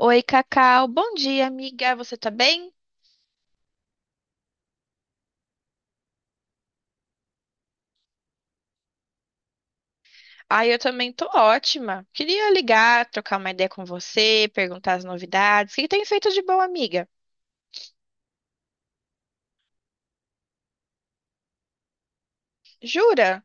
Oi, Cacau. Bom dia, amiga. Você tá bem? Ah, eu também tô ótima. Queria ligar, trocar uma ideia com você, perguntar as novidades. O que tem feito de bom, amiga? Jura?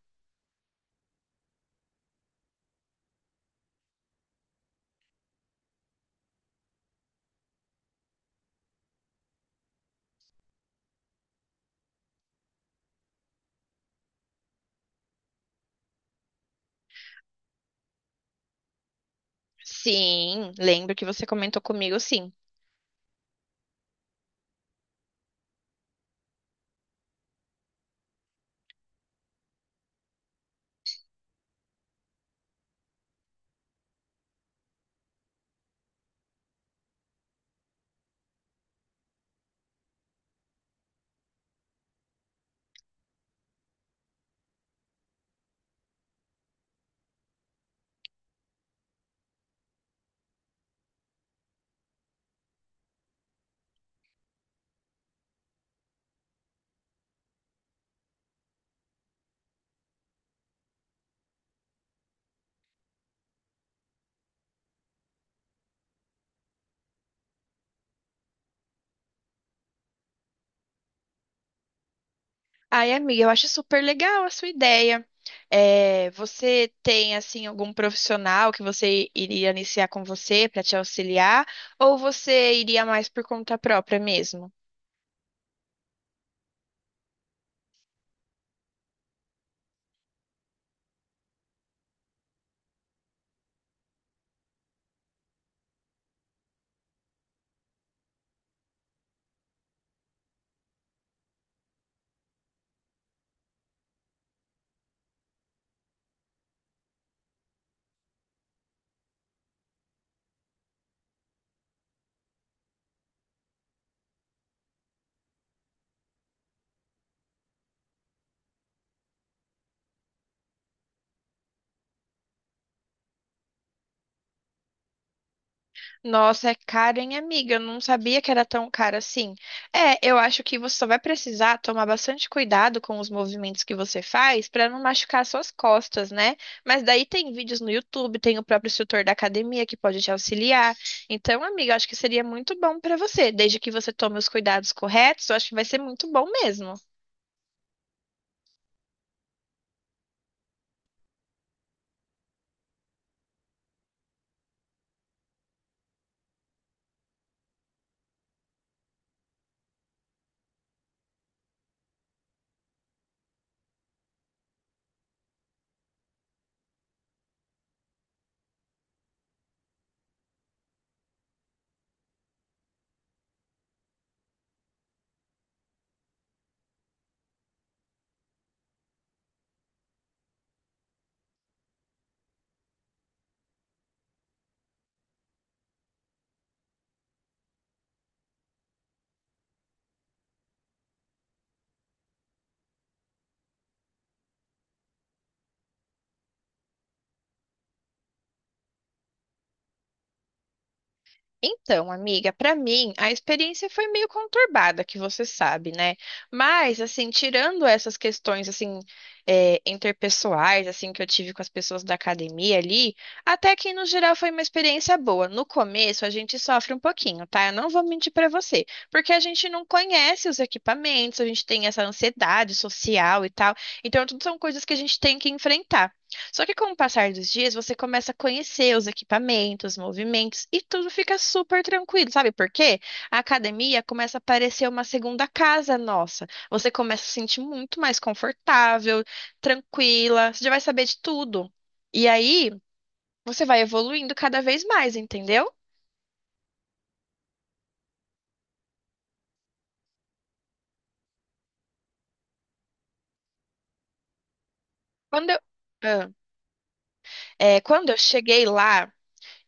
Sim, lembro que você comentou comigo, sim. Ai, amiga, eu acho super legal a sua ideia. É, você tem, assim, algum profissional que você iria iniciar com você para te auxiliar? Ou você iria mais por conta própria mesmo? Nossa, é caro, hein, amiga? Eu não sabia que era tão caro assim. É, eu acho que você só vai precisar tomar bastante cuidado com os movimentos que você faz para não machucar suas costas, né? Mas daí tem vídeos no YouTube, tem o próprio instrutor da academia que pode te auxiliar. Então, amiga, eu acho que seria muito bom para você, desde que você tome os cuidados corretos, eu acho que vai ser muito bom mesmo. Então, amiga, pra mim a experiência foi meio conturbada, que você sabe, né? Mas assim, tirando essas questões assim interpessoais, assim que eu tive com as pessoas da academia ali, até que no geral foi uma experiência boa. No começo a gente sofre um pouquinho, tá? Eu não vou mentir pra você, porque a gente não conhece os equipamentos, a gente tem essa ansiedade social e tal. Então, tudo são coisas que a gente tem que enfrentar. Só que com o passar dos dias, você começa a conhecer os equipamentos, os movimentos e tudo fica super tranquilo, sabe por quê? A academia começa a parecer uma segunda casa nossa. Você começa a se sentir muito mais confortável, tranquila, você já vai saber de tudo. E aí, você vai evoluindo cada vez mais, entendeu? Quando eu, Ah. É, quando eu cheguei lá,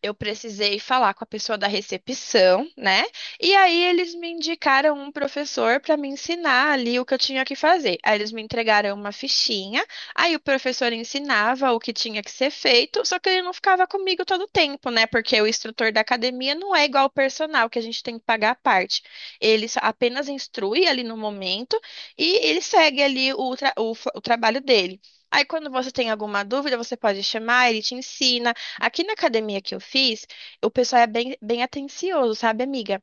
eu precisei falar com a pessoa da recepção, né? E aí eles me indicaram um professor para me ensinar ali o que eu tinha que fazer. Aí eles me entregaram uma fichinha, aí o professor ensinava o que tinha que ser feito, só que ele não ficava comigo todo o tempo, né? Porque o instrutor da academia não é igual ao personal, que a gente tem que pagar a parte. Apenas instrui ali no momento e ele segue ali o trabalho dele. Aí, quando você tem alguma dúvida, você pode chamar, ele te ensina. Aqui na academia que eu fiz, o pessoal é bem atencioso, sabe, amiga?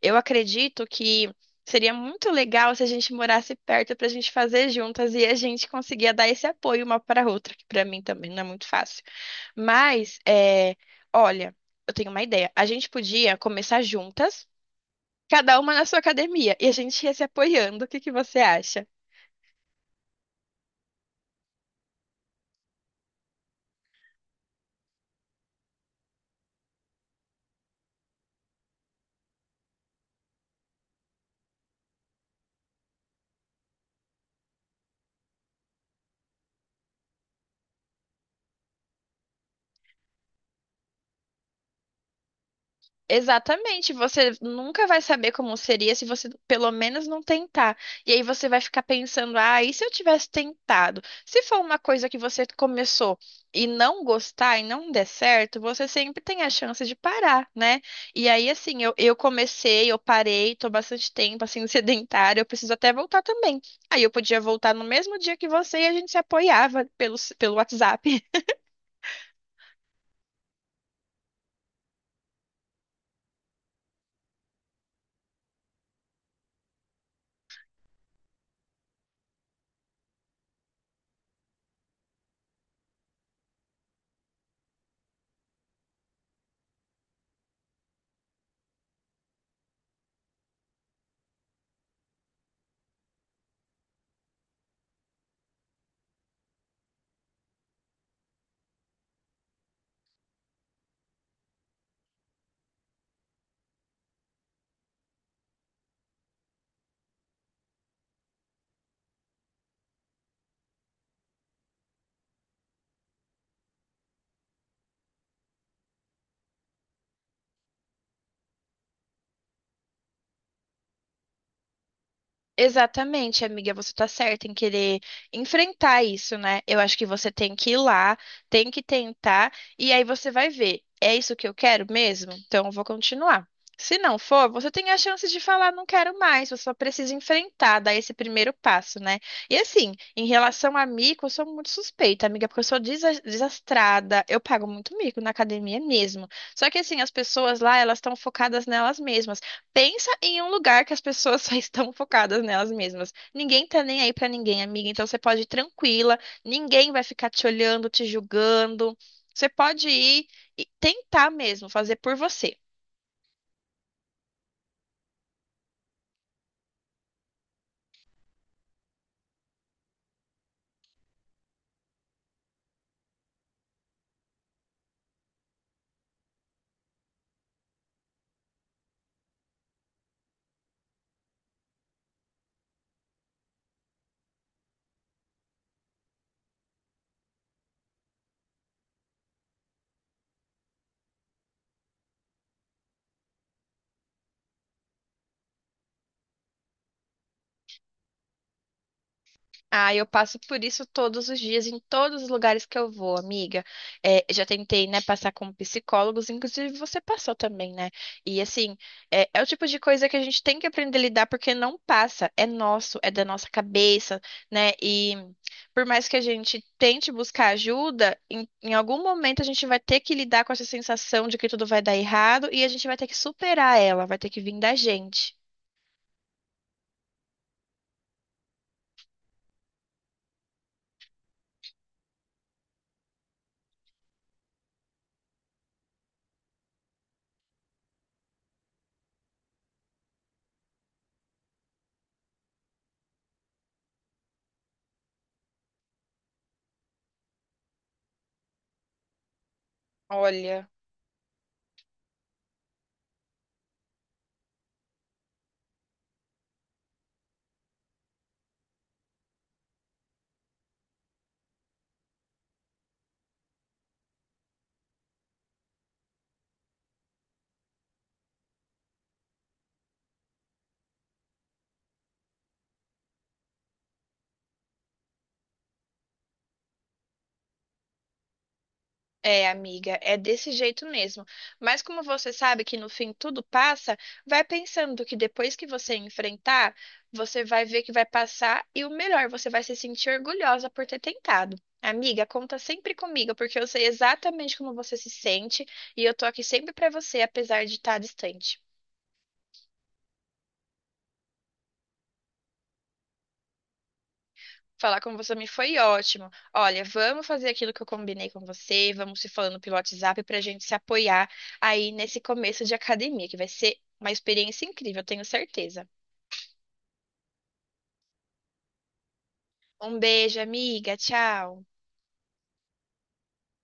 Eu acredito que seria muito legal se a gente morasse perto pra gente fazer juntas e a gente conseguia dar esse apoio uma para a outra, que pra mim também não é muito fácil. Mas, é, olha, eu tenho uma ideia. A gente podia começar juntas, cada uma na sua academia, e a gente ia se apoiando. O que que você acha? Exatamente, você nunca vai saber como seria se você pelo menos não tentar. E aí você vai ficar pensando, ah, e se eu tivesse tentado? Se for uma coisa que você começou e não gostar e não der certo, você sempre tem a chance de parar, né? E aí, assim, eu comecei, eu parei, tô bastante tempo, assim, sedentária, eu preciso até voltar também. Aí eu podia voltar no mesmo dia que você e a gente se apoiava pelo WhatsApp. Exatamente, amiga, você tá certa em querer enfrentar isso, né? Eu acho que você tem que ir lá, tem que tentar, e aí você vai ver, é isso que eu quero mesmo? Então eu vou continuar. Se não for, você tem a chance de falar, não quero mais, você só precisa enfrentar, dar esse primeiro passo, né? E assim, em relação a mico, eu sou muito suspeita, amiga, porque eu sou desastrada, eu pago muito mico na academia mesmo. Só que assim, as pessoas lá, elas estão focadas nelas mesmas. Pensa em um lugar que as pessoas só estão focadas nelas mesmas. Ninguém tá nem aí pra ninguém, amiga. Então você pode ir tranquila, ninguém vai ficar te olhando, te julgando. Você pode ir e tentar mesmo fazer por você. Ah, eu passo por isso todos os dias, em todos os lugares que eu vou, amiga. É, já tentei, né, passar com psicólogos, inclusive você passou também, né? E assim, é o tipo de coisa que a gente tem que aprender a lidar, porque não passa, é nosso, é da nossa cabeça, né? E por mais que a gente tente buscar ajuda, em algum momento a gente vai ter que lidar com essa sensação de que tudo vai dar errado e a gente vai ter que superar ela, vai ter que vir da gente. Olha. É, amiga, é desse jeito mesmo. Mas como você sabe que no fim tudo passa, vai pensando que depois que você enfrentar, você vai ver que vai passar e o melhor, você vai se sentir orgulhosa por ter tentado. Amiga, conta sempre comigo, porque eu sei exatamente como você se sente e eu tô aqui sempre pra você, apesar de estar distante. Falar com você me foi ótimo. Olha, vamos fazer aquilo que eu combinei com você, vamos se falando pelo WhatsApp para a gente se apoiar aí nesse começo de academia, que vai ser uma experiência incrível, eu tenho certeza. Um beijo, amiga. Tchau.